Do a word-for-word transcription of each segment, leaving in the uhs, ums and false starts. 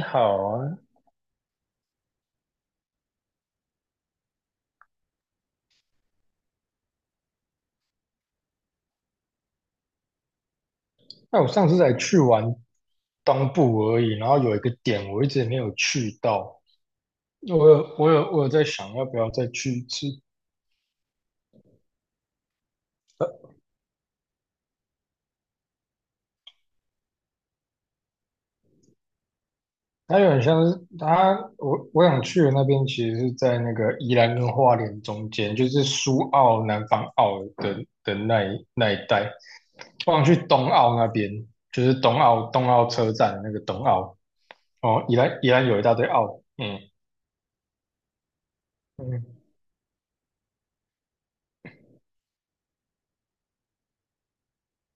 你好啊，那我上次才去完东部而已，然后有一个点我一直没有去到，我有我有我有在想要不要再去一次。它有点像是它，我我想去的那边其实是在那个宜兰跟花莲中间，就是苏澳、南方澳的的那一那一带。我想去东澳那边，就是东澳东澳车站的那个东澳。哦，宜兰宜兰有一大堆澳，嗯嗯。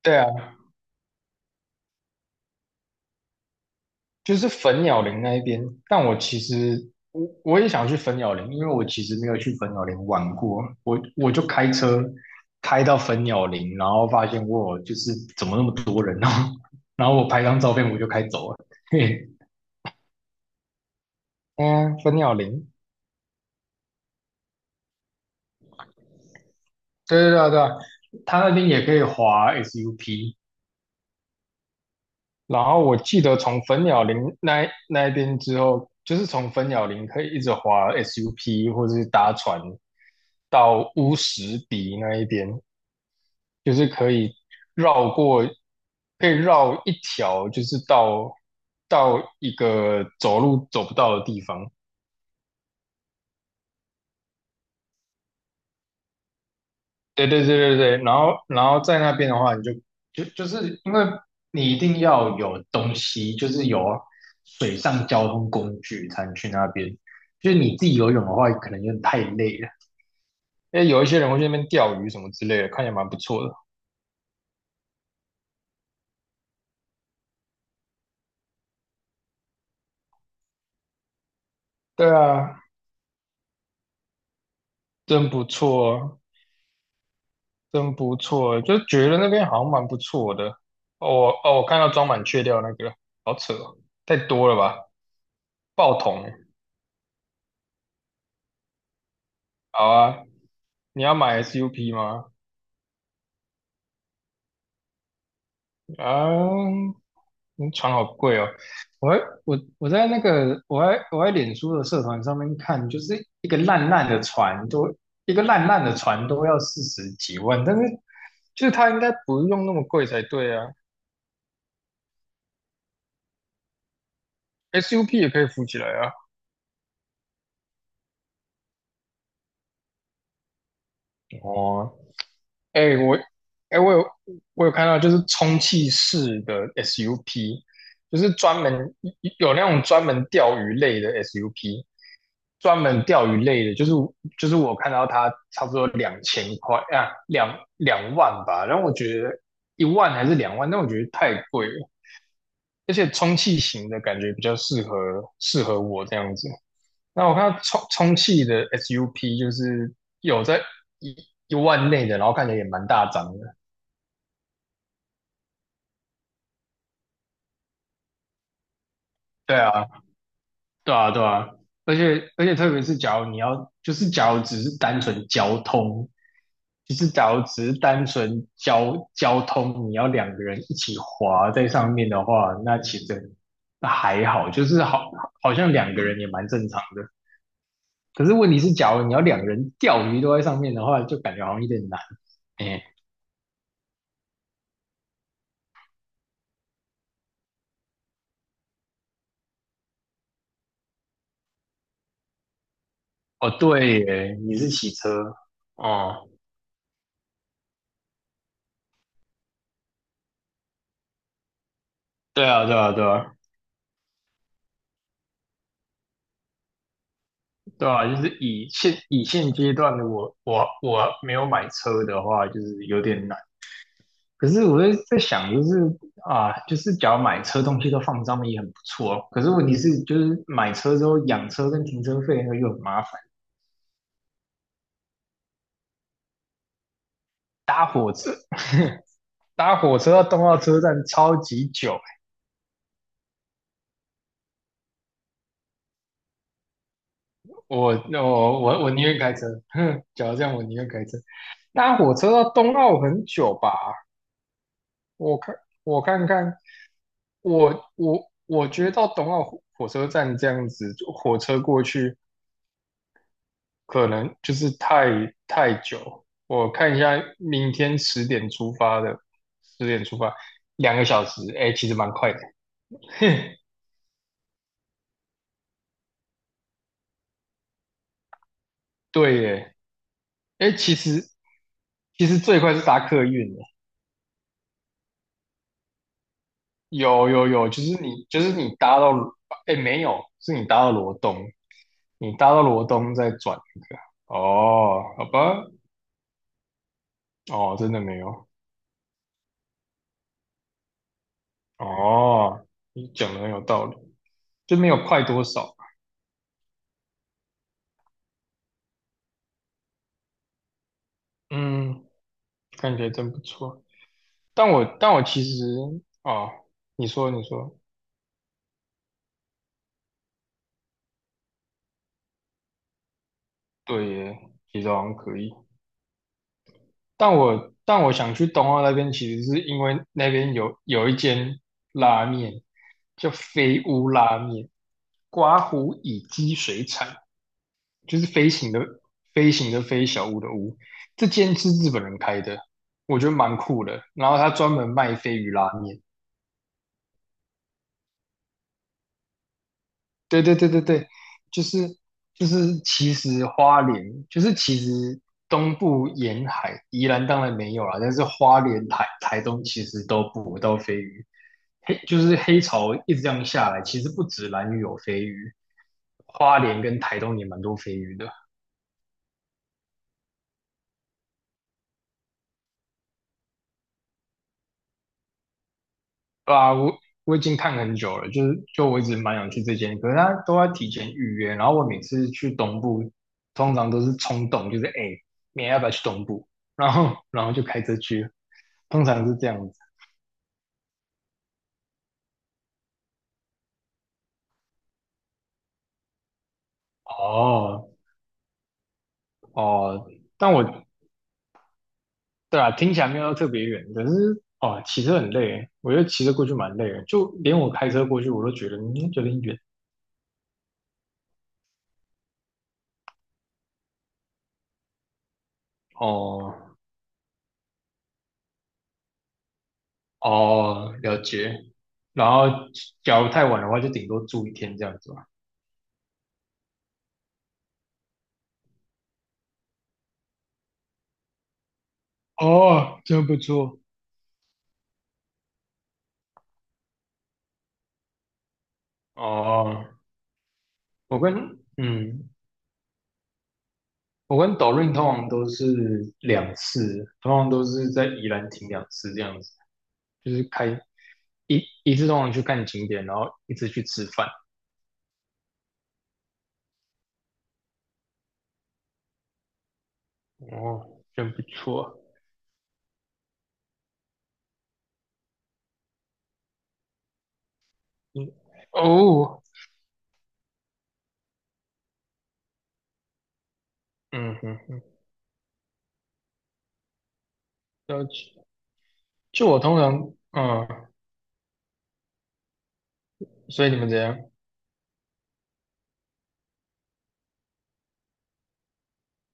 对啊。就是粉鸟林那一边，但我其实我我也想去粉鸟林，因为我其实没有去粉鸟林玩过，我我就开车开到粉鸟林，然后发现我就是怎么那么多人哦，然后然后我拍张照片我就开走了，嘿，嗯，粉鸟林，对对对啊对啊，他那边也可以滑 S U P,然后我记得从粉鸟林那那一边之后，就是从粉鸟林可以一直滑 S U P 或者是搭船到乌石鼻那一边，就是可以绕过，可以绕一条，就是到到一个走路走不到的地方。对对对对对，然后然后在那边的话，你就就就是因为你一定要有东西，就是有水上交通工具才能去那边。就是你自己游泳的话，可能有点太累了。因为有一些人会去那边钓鱼什么之类的，看起来蛮不错的。对啊，真不错，真不错，就觉得那边好像蛮不错的。哦哦，我看到装满雀钓那个，好扯哦，太多了吧？爆桶，好啊，你要买 S U P 吗？啊，嗯床好贵哦！我还我我在那个我还我在脸书的社团上面看，就是一个烂烂的船都一个烂烂的船都要四十几万，但是就是它应该不用那么贵才对啊，S U P 也可以浮起来啊。哦，哎、我，哎、我有，我有看到，就是充气式的 S U P,就是专门有那种专门钓鱼类的 S U P,专门钓鱼类的，就是就是我看到它差不多两千块啊，两两万吧，然后我觉得一万还是两万，但我觉得太贵了，而且充气型的感觉比较适合适合我这样子。那我看到充充气的 S U P 就是有在一一万内的，然后看起来也蛮大张的。对啊，对啊，对啊，而且而且特别是假如你要，就是假如只是单纯交通，就是假如只是单纯交交通，你要两个人一起滑在上面的话，那其实那还好，就是好好像两个人也蛮正常的。可是问题是，假如你要两个人钓鱼都在上面的话，就感觉好像有点难。哎、哦，对耶，你是骑车哦，对啊，对啊，对啊。对啊，就是以现以现阶段的我，我我没有买车的话，就是有点难。可是我在在想，就是啊，就是假如买车，东西都放上面也很不错哦。可是问题是，就是买车之后养车跟停车费那个又很麻烦，搭火车 搭火车到动到车站超级久。我我我我宁愿开车，哼，假如这样，我宁愿开车。搭火车到东澳很久吧？我看我看看，我我我觉得到东奥火火车站这样子，坐火车过去可能就是太太久。我看一下，明天十点出发的，十点出发，两个小时，哎、其实蛮快的。对耶，哎、其实其实最快是搭客运耶，有有有，就是你就是你搭到，哎、没有，是你搭到罗东，你搭到罗东再转一个。哦，好吧，哦，真的没有。哦，你讲的很有道理，就没有快多少。嗯，看起来真不错。但我但我其实哦，你说你说，对耶，其实好像可以。但我但我想去东澳那边，其实是因为那边有有一间拉面叫飞屋拉面，刮胡乙鸡水产，就是飞行的飞行的飞小屋的屋，这间是日本人开的，我觉得蛮酷的。然后他专门卖飞鱼拉面，对对对对对，就是就是其实花莲就是其实东部沿海，宜兰当然没有啦，但是花莲台台东其实都捕不到飞鱼，黑就是黑潮一直这样下来，其实不止兰屿有飞鱼，花莲跟台东也蛮多飞鱼的。对啊，我我已经看很久了，就是就我一直蛮想去这间，可是他都要提前预约，然后我每次去东部，通常都是冲动，就是哎，诶明天要不要去东部？然后然后就开车去，通常是这样子。哦哦，但我对啊，听起来没有特别远，可是哦，骑车很累，我觉得骑车过去蛮累的，就连我开车过去我都觉得嗯有点远。哦哦，了解。然后假如太晚的话，就顶多住一天这样子。吧。哦，真不错。哦，我跟嗯，我跟抖润通常都是两次，通常都是在宜兰停两次这样子，就是开一一次通常去看景点，然后一次去吃饭。哦，真不错。嗯，哦，嗯嗯嗯，了解。就我通常，嗯，所以你们怎样？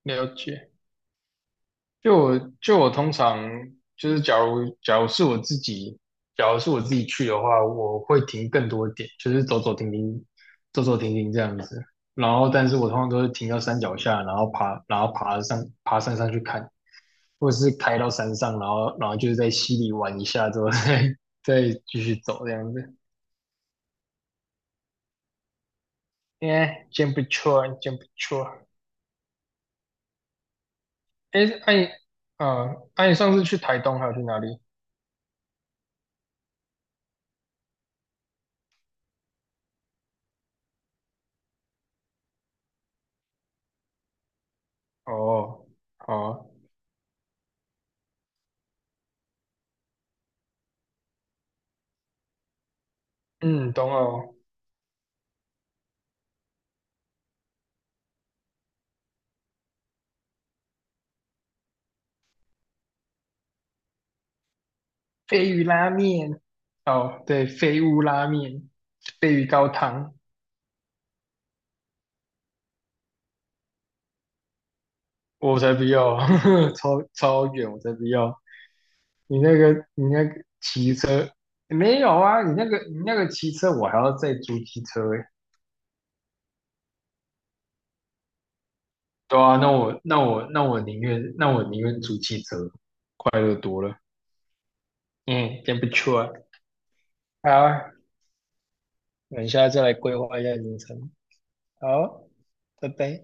了解。就我就我通常就是，假如假如是我自己，假如是我自己去的话，我会停更多点，就是走走停停，走走停停这样子。然后，但是我通常都是停到山脚下，然后爬，然后爬上爬山上去看，或者是开到山上，然后然后就是在溪里玩一下之后再 再继续走这样子。哎，真不错，真不错。哎，哎，啊，哎，你上次去台东还有去哪里？哦，哦，嗯，懂了哦鲱鱼拉面，哦，对，鲱屋拉面，鲱鱼高汤，我才不要，超超远，我才不要。你那个，你那个骑车没有啊？你那个，你那个骑车，我还要再租机车诶。对啊，那我那我那我宁愿那我宁愿租汽车，快乐多了。嗯，真不错啊。好啊，我们下次再来规划一下行程。好，拜拜。